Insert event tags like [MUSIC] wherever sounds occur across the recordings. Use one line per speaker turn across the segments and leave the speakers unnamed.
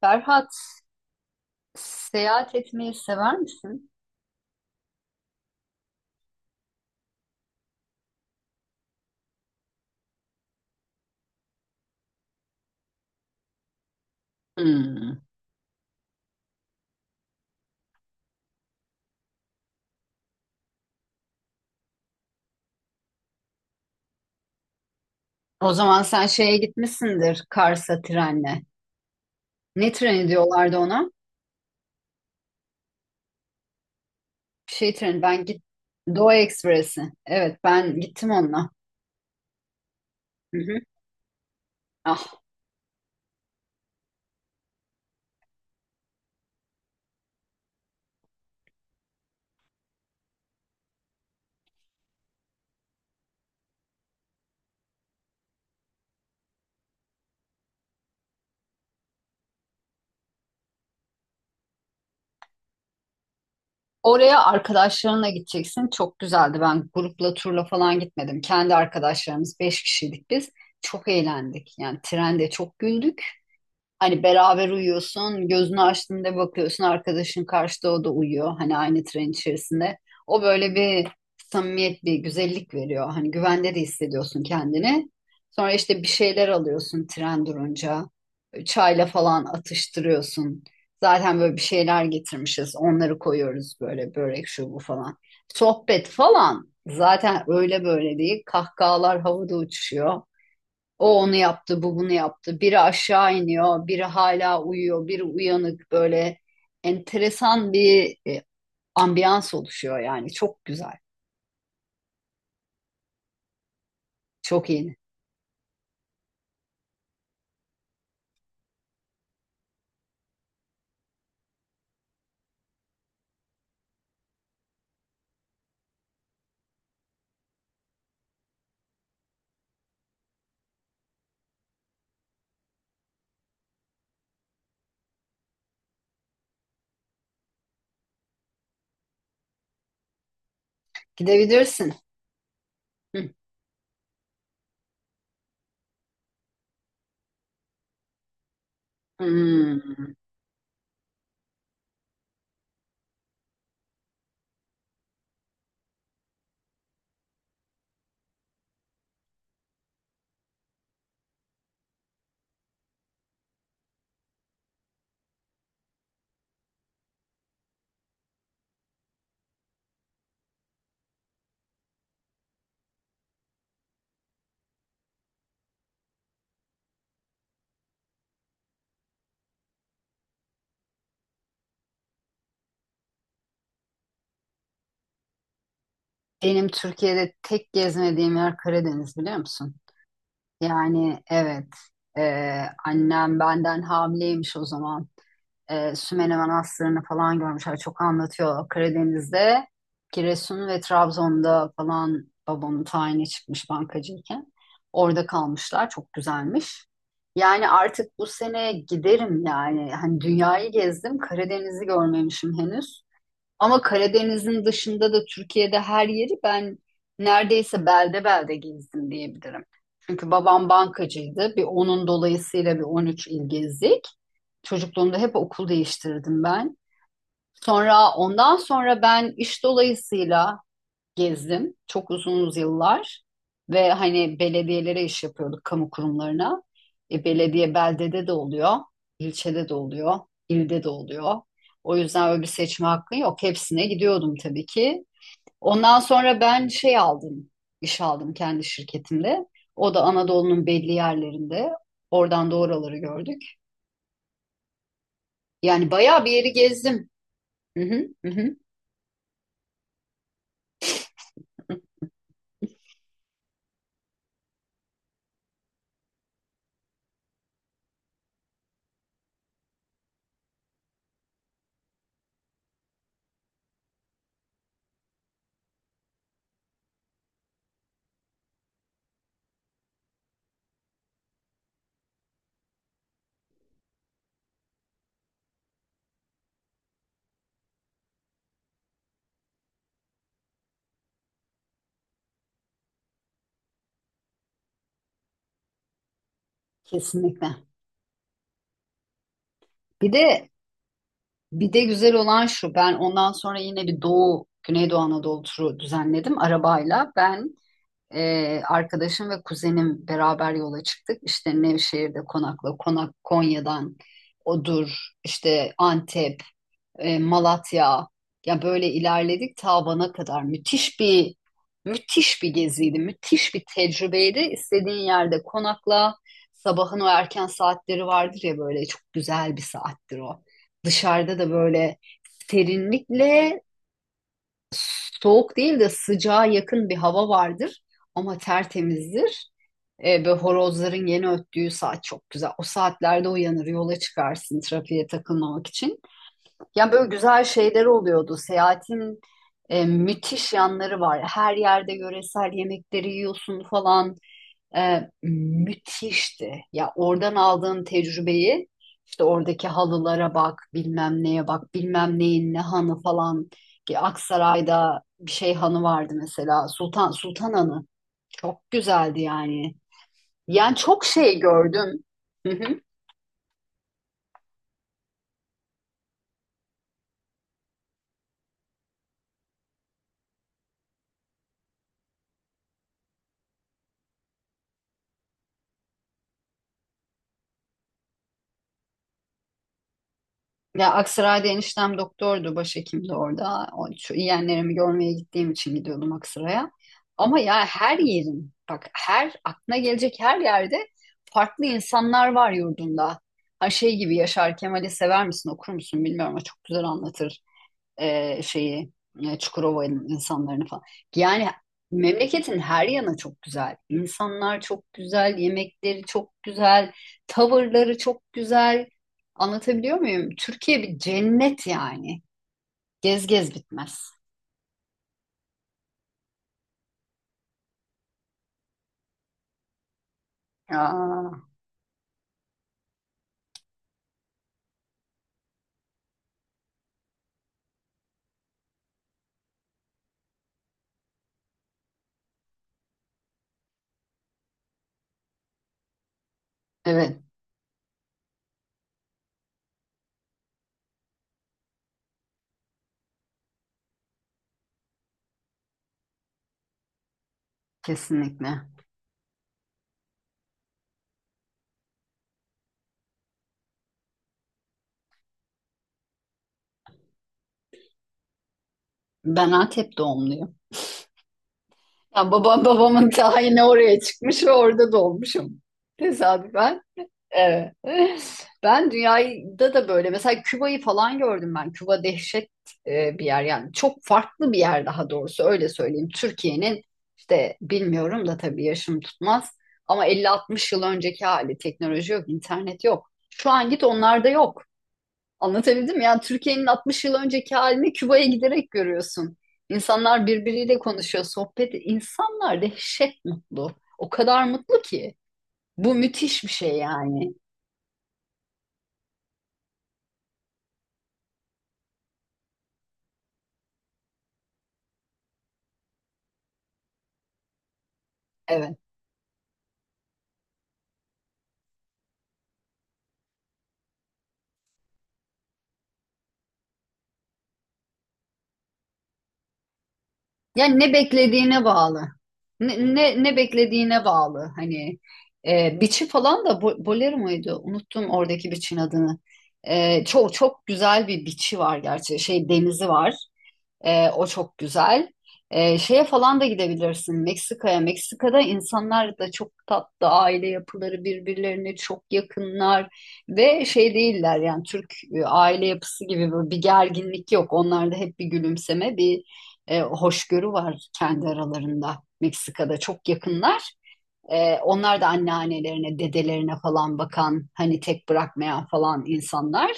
Ferhat, seyahat etmeyi sever misin? Hmm. O zaman sen şeye gitmişsindir Kars'a trenle. Ne treni diyorlardı ona? Bir şey treni. Ben git Doğu Ekspresi. Evet, ben gittim onunla. Hı hı. Ah. Oraya arkadaşlarınla gideceksin. Çok güzeldi. Ben grupla turla falan gitmedim. Kendi arkadaşlarımız beş kişiydik biz. Çok eğlendik. Yani trende çok güldük. Hani beraber uyuyorsun, gözünü açtığında bakıyorsun arkadaşın karşıda o da uyuyor. Hani aynı tren içerisinde. O böyle bir samimiyet, bir güzellik veriyor. Hani güvende de hissediyorsun kendini. Sonra işte bir şeyler alıyorsun tren durunca. Çayla falan atıştırıyorsun. Zaten böyle bir şeyler getirmişiz. Onları koyuyoruz böyle börek şu bu falan. Sohbet falan. Zaten öyle böyle değil. Kahkahalar havada uçuşuyor. O onu yaptı, bu bunu yaptı. Biri aşağı iniyor, biri hala uyuyor, biri uyanık böyle enteresan bir ambiyans oluşuyor yani. Çok güzel, çok iyi. Gidebilirsin. Hı. Hmm. Benim Türkiye'de tek gezmediğim yer Karadeniz biliyor musun? Yani evet, e, annem benden hamileymiş o zaman. Sümele Manastırı'nı falan görmüşler. Çok anlatıyor Karadeniz'de. Giresun ve Trabzon'da falan babamın tayini çıkmış bankacıyken. Orada kalmışlar. Çok güzelmiş. Yani artık bu sene giderim yani. Hani dünyayı gezdim. Karadeniz'i görmemişim henüz. Ama Karadeniz'in dışında da Türkiye'de her yeri ben neredeyse belde belde gezdim diyebilirim. Çünkü babam bankacıydı. Bir onun dolayısıyla bir 13 il gezdik. Çocukluğumda hep okul değiştirdim ben. Sonra ondan sonra ben iş dolayısıyla gezdim çok uzun yıllar ve hani belediyelere iş yapıyorduk kamu kurumlarına. Belediye beldede de oluyor, ilçede de oluyor, ilde de oluyor. O yüzden öyle bir seçme hakkı yok. Hepsine gidiyordum tabii ki. Ondan sonra ben şey aldım, iş aldım kendi şirketimde. O da Anadolu'nun belli yerlerinde. Oradan da oraları gördük. Yani bayağı bir yeri gezdim. Hı hı, hı hı. Kesinlikle. Bir de Bir de güzel olan şu, ben ondan sonra yine bir Doğu, Güneydoğu Anadolu turu düzenledim arabayla. Ben, arkadaşım ve kuzenim beraber yola çıktık. İşte Nevşehir'de konakla, konak Konya'dan Odur, işte Antep, Malatya. Ya böyle ilerledik ta Van'a kadar. Müthiş bir geziydi, müthiş bir tecrübeydi. İstediğin yerde konakla. Sabahın o erken saatleri vardır ya böyle çok güzel bir saattir o. Dışarıda da böyle serinlikle soğuk değil de sıcağa yakın bir hava vardır ama tertemizdir. Ve horozların yeni öttüğü saat çok güzel. O saatlerde uyanır, yola çıkarsın trafiğe takılmamak için. Yani böyle güzel şeyler oluyordu. Seyahatin müthiş yanları var. Her yerde yöresel yemekleri yiyorsun falan. Müthişti. Ya oradan aldığın tecrübeyi işte oradaki halılara bak, bilmem neye bak, bilmem neyin ne hanı falan. Ki Aksaray'da bir şey hanı vardı mesela. Sultan Sultan Hanı. Çok güzeldi yani. Yani çok şey gördüm. [LAUGHS] Ya Aksaray'da eniştem doktordu, başhekimdi orada. O, şu yeğenlerimi görmeye gittiğim için gidiyordum Aksaray'a. Ama ya her yerin, bak her aklına gelecek her yerde farklı insanlar var yurdunda. Ha şey gibi Yaşar Kemal'i sever misin, okur musun bilmiyorum ama çok güzel anlatır şeyi Çukurova'nın insanlarını falan. Yani memleketin her yanı çok güzel. İnsanlar çok güzel, yemekleri çok güzel, tavırları çok güzel. Anlatabiliyor muyum? Türkiye bir cennet yani. Gez gez bitmez. Aa, evet, kesinlikle. Ben Antep doğumluyum. Ya babamın tayini oraya çıkmış ve orada doğmuşum. Tesadüfen. Evet. Ben dünyada da böyle mesela Küba'yı falan gördüm ben. Küba dehşet bir yer yani çok farklı bir yer daha doğrusu öyle söyleyeyim. Türkiye'nin işte bilmiyorum da tabii yaşım tutmaz ama 50-60 yıl önceki hali teknoloji yok, internet yok. Şu an git onlarda yok. Anlatabildim mi? Yani Türkiye'nin 60 yıl önceki halini Küba'ya giderek görüyorsun. İnsanlar birbiriyle konuşuyor, sohbet. İnsanlar dehşet mutlu. O kadar mutlu ki. Bu müthiş bir şey yani. Evet. Yani ne beklediğine bağlı. Ne beklediğine bağlı. Hani biçi falan da bolero muydu? Unuttum oradaki biçin adını. Çok çok güzel bir biçi var gerçi. Şey denizi var. O çok güzel. Şeye falan da gidebilirsin Meksika'ya. Meksika'da insanlar da çok tatlı, aile yapıları birbirlerine çok yakınlar ve şey değiller yani Türk aile yapısı gibi böyle bir gerginlik yok. Onlarda hep bir gülümseme, bir hoşgörü var kendi aralarında. Meksika'da çok yakınlar. Onlar da anneannelerine, dedelerine falan bakan, hani tek bırakmayan falan insanlar.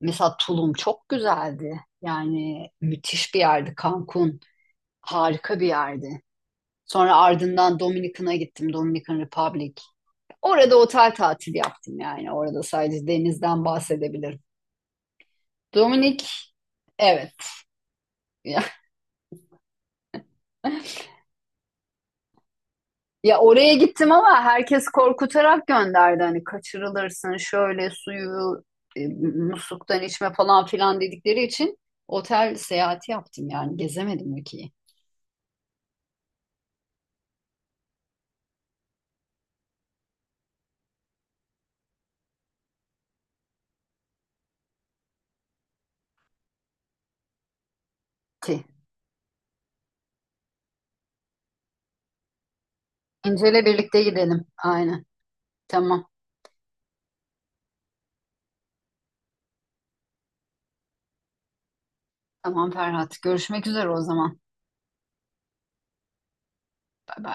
Mesela Tulum çok güzeldi. Yani müthiş bir yerdi. Cancun harika bir yerdi. Sonra ardından Dominikan'a gittim. Dominican Republic. Orada otel tatili yaptım yani. Orada sadece denizden bahsedebilirim. Dominik, evet. [LAUGHS] Ya oraya gittim ama herkes korkutarak gönderdi. Hani kaçırılırsın şöyle suyu e, musluktan içme falan filan dedikleri için otel seyahati yaptım yani gezemedim ülkeyi. Ki. İncel'e birlikte gidelim. Aynen. Tamam. Tamam Ferhat. Görüşmek üzere o zaman. Bay bay.